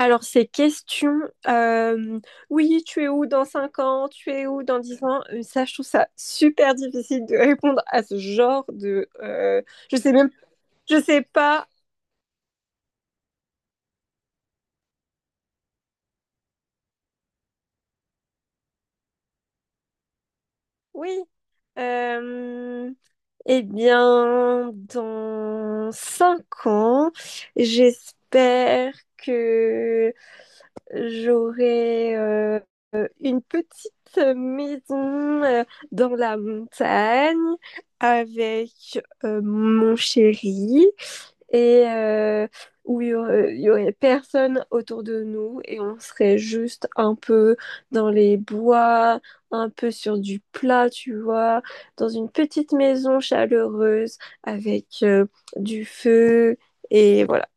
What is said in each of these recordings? Alors, ces questions, euh, oui, tu es où dans 5 ans, tu es où dans 10 ans, ça, je trouve ça super difficile de répondre à ce genre de. Je sais même, je sais pas, oui. Euh, eh bien, dans 5 ans, j'espère que j'aurai une petite maison dans la montagne avec mon chéri et où il y aurait personne autour de nous et on serait juste un peu dans les bois, un peu sur du plat, tu vois, dans une petite maison chaleureuse avec du feu et voilà.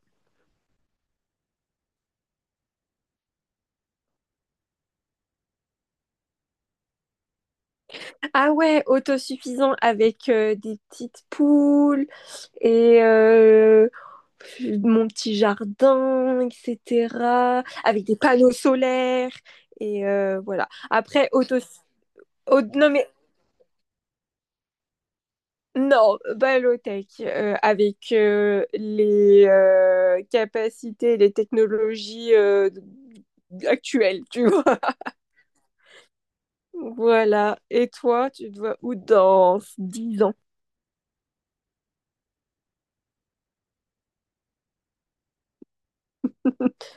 Ah ouais, autosuffisant avec des petites poules, et mon petit jardin, etc. Avec des panneaux solaires. Et voilà. Après, non, mais non, Balotech, avec les capacités, les technologies actuelles, tu vois. Voilà. Et toi, tu te vois où dans 10 ans?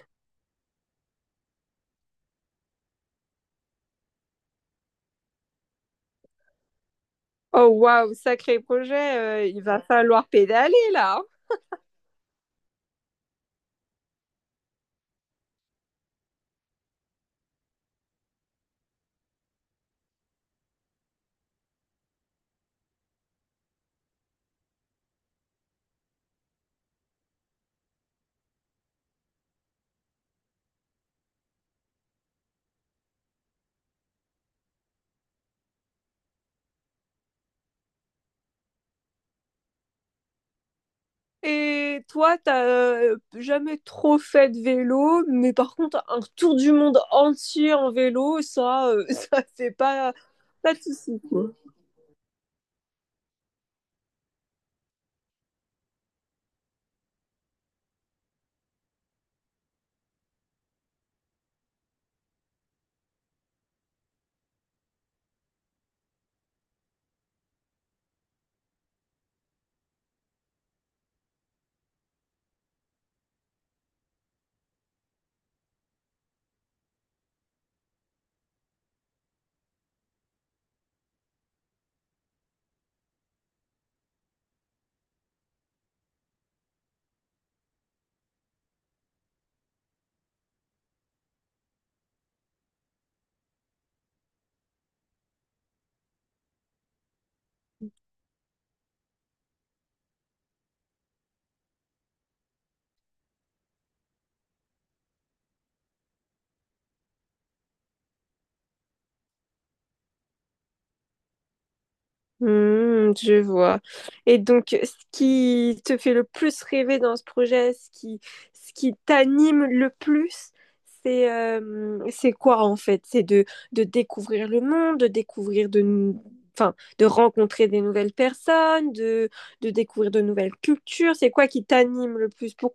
Oh, waouh, sacré projet. Il va falloir pédaler, là, hein. Et toi, t'as jamais trop fait de vélo, mais par contre, un tour du monde entier en vélo, ça, ça fait pas de souci, quoi. Hmm, je vois. Et donc, ce qui te fait le plus rêver dans ce projet, ce qui t'anime le plus, c'est quoi en fait? C'est de découvrir le monde, de découvrir de, nou- enfin, de rencontrer des nouvelles personnes, de découvrir de nouvelles cultures. C'est quoi qui t'anime le plus pour.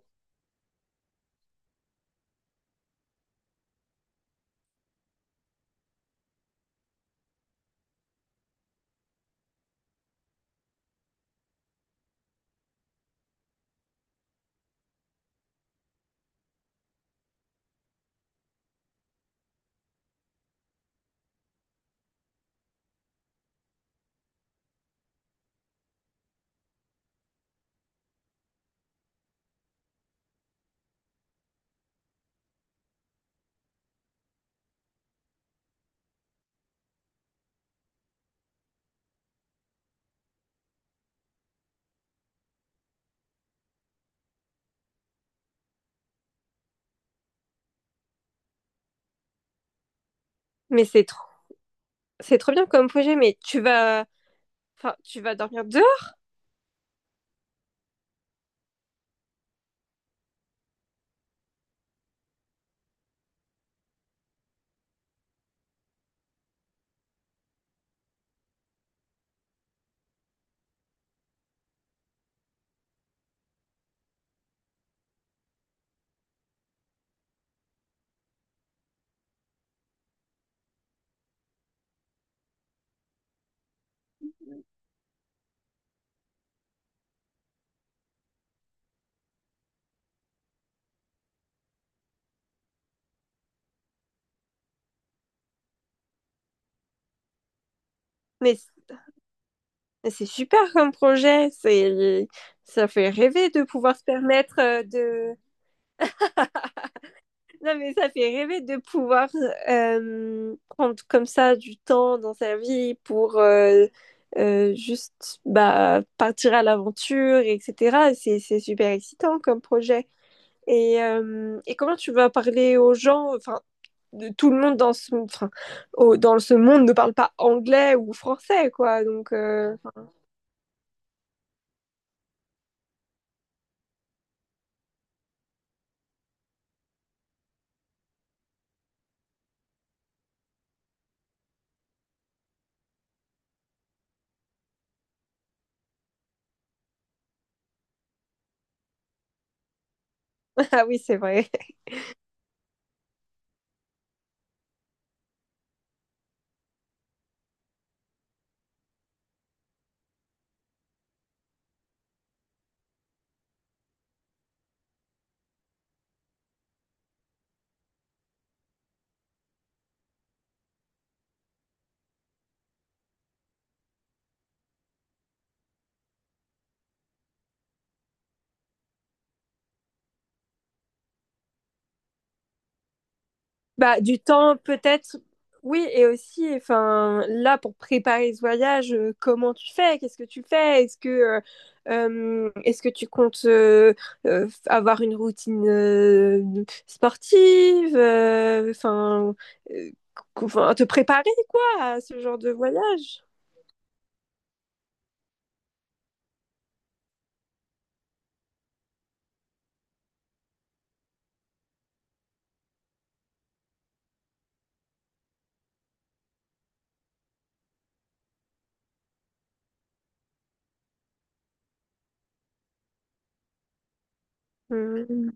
Mais c'est trop bien comme projet, mais tu vas, enfin, tu vas dormir dehors. Mais bah, c'est super comme projet, c'est, ça fait rêver de pouvoir se permettre de, non mais ça fait rêver de pouvoir prendre comme ça du temps dans sa vie pour juste bah, partir à l'aventure, etc. C'est super excitant comme projet. Et comment tu vas parler aux gens, enfin de tout le monde dans ce enfin, dans ce monde ne parle pas anglais ou français quoi donc ah oui c'est vrai. Bah, du temps peut-être, oui, et aussi, enfin, là, pour préparer ce voyage, comment tu fais? Qu'est-ce que tu fais? Est-ce que tu comptes avoir une routine sportive? Enfin, euh, enfin, te préparer, quoi, à ce genre de voyage? Hmm.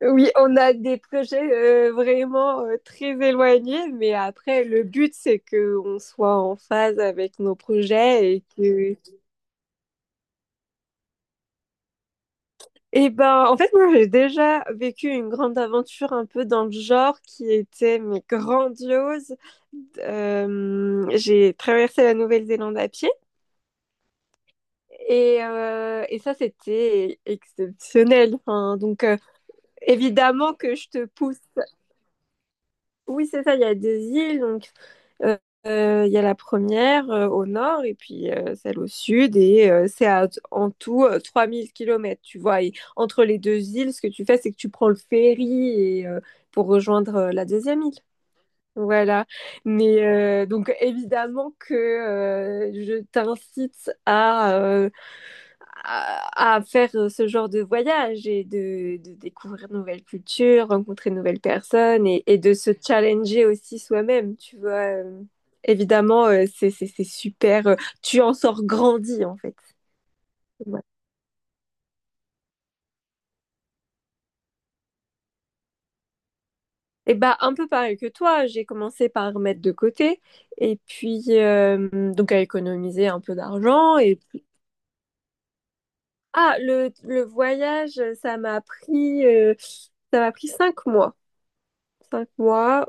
Oui, on a des projets vraiment très éloignés, mais après, le but, c'est qu'on soit en phase avec nos projets et que. Eh ben, en fait, moi, j'ai déjà vécu une grande aventure un peu dans le genre qui était, mais grandiose. J'ai traversé la Nouvelle-Zélande à pied et ça, c'était exceptionnel. Enfin, donc, évidemment que je te pousse. Oui, c'est ça, il y a des îles, donc Euh, il y a la première au nord et puis celle au sud et en tout 3 000 kilomètres, tu vois. Et entre les deux îles, ce que tu fais, c'est que tu prends le ferry et, pour rejoindre la deuxième île. Voilà. Mais donc évidemment que je t'incite à faire ce genre de voyage et de découvrir de nouvelles cultures, rencontrer de nouvelles personnes et de se challenger aussi soi-même, tu vois. Euh, Évidemment, c'est super. Tu en sors grandi en fait. Ouais. Et bah un peu pareil que toi, j'ai commencé par mettre de côté et puis donc à économiser un peu d'argent et puis. Ah, le voyage, ça m'a pris 5 mois. 5 mois.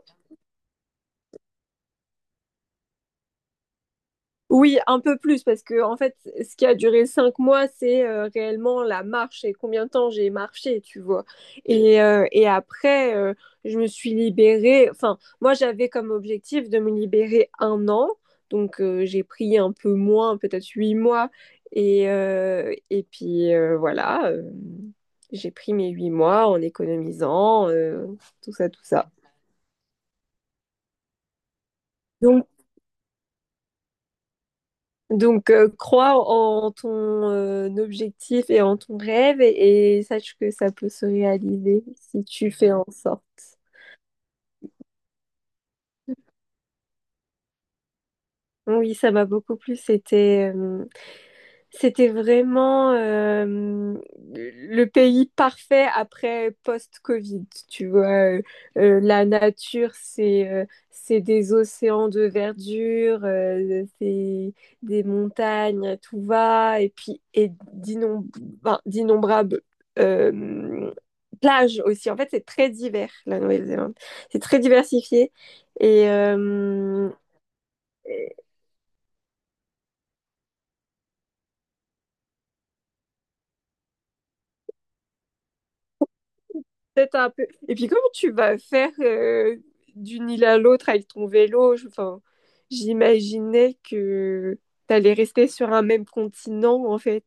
Oui, un peu plus, parce que en fait, ce qui a duré 5 mois, c'est réellement la marche et combien de temps j'ai marché, tu vois. Et après, je me suis libérée. Enfin, moi, j'avais comme objectif de me libérer un an, donc j'ai pris un peu moins, peut-être 8 mois. Et puis voilà, j'ai pris mes 8 mois en économisant, tout ça, tout ça. Donc, Donc, crois en ton objectif et en ton rêve et sache que ça peut se réaliser si tu fais en sorte. Oui, ça m'a beaucoup plu. C'était vraiment le pays parfait après post-Covid. Tu vois, Euh, la nature, c'est des océans de verdure, c'est des montagnes, à tout va, et puis ben, d'innombrables euh, plages aussi. En fait, c'est très divers, la Nouvelle-Zélande. C'est très diversifié et peut-être un peu. Et puis, comment tu vas faire d'une île à l'autre avec ton vélo? Enfin, j'imaginais que t'allais rester sur un même continent, en fait.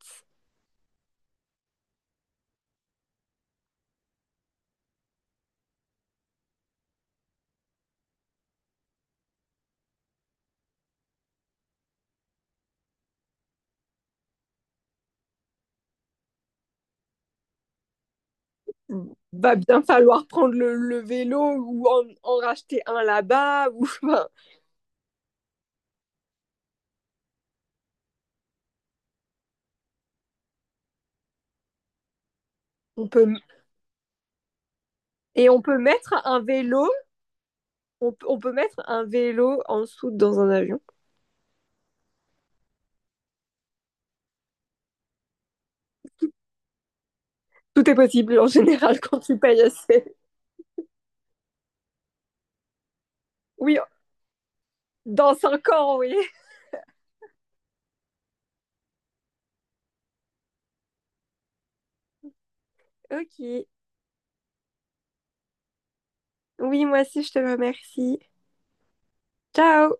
Va bien falloir prendre le vélo ou en racheter un là-bas. Ou, enfin, on peut, et on peut mettre un vélo, on peut mettre un vélo en dessous dans un avion. Tout est possible en général quand tu payes assez. Oui, dans 5 ans, oui. Ok. Oui, moi aussi, je te remercie. Ciao!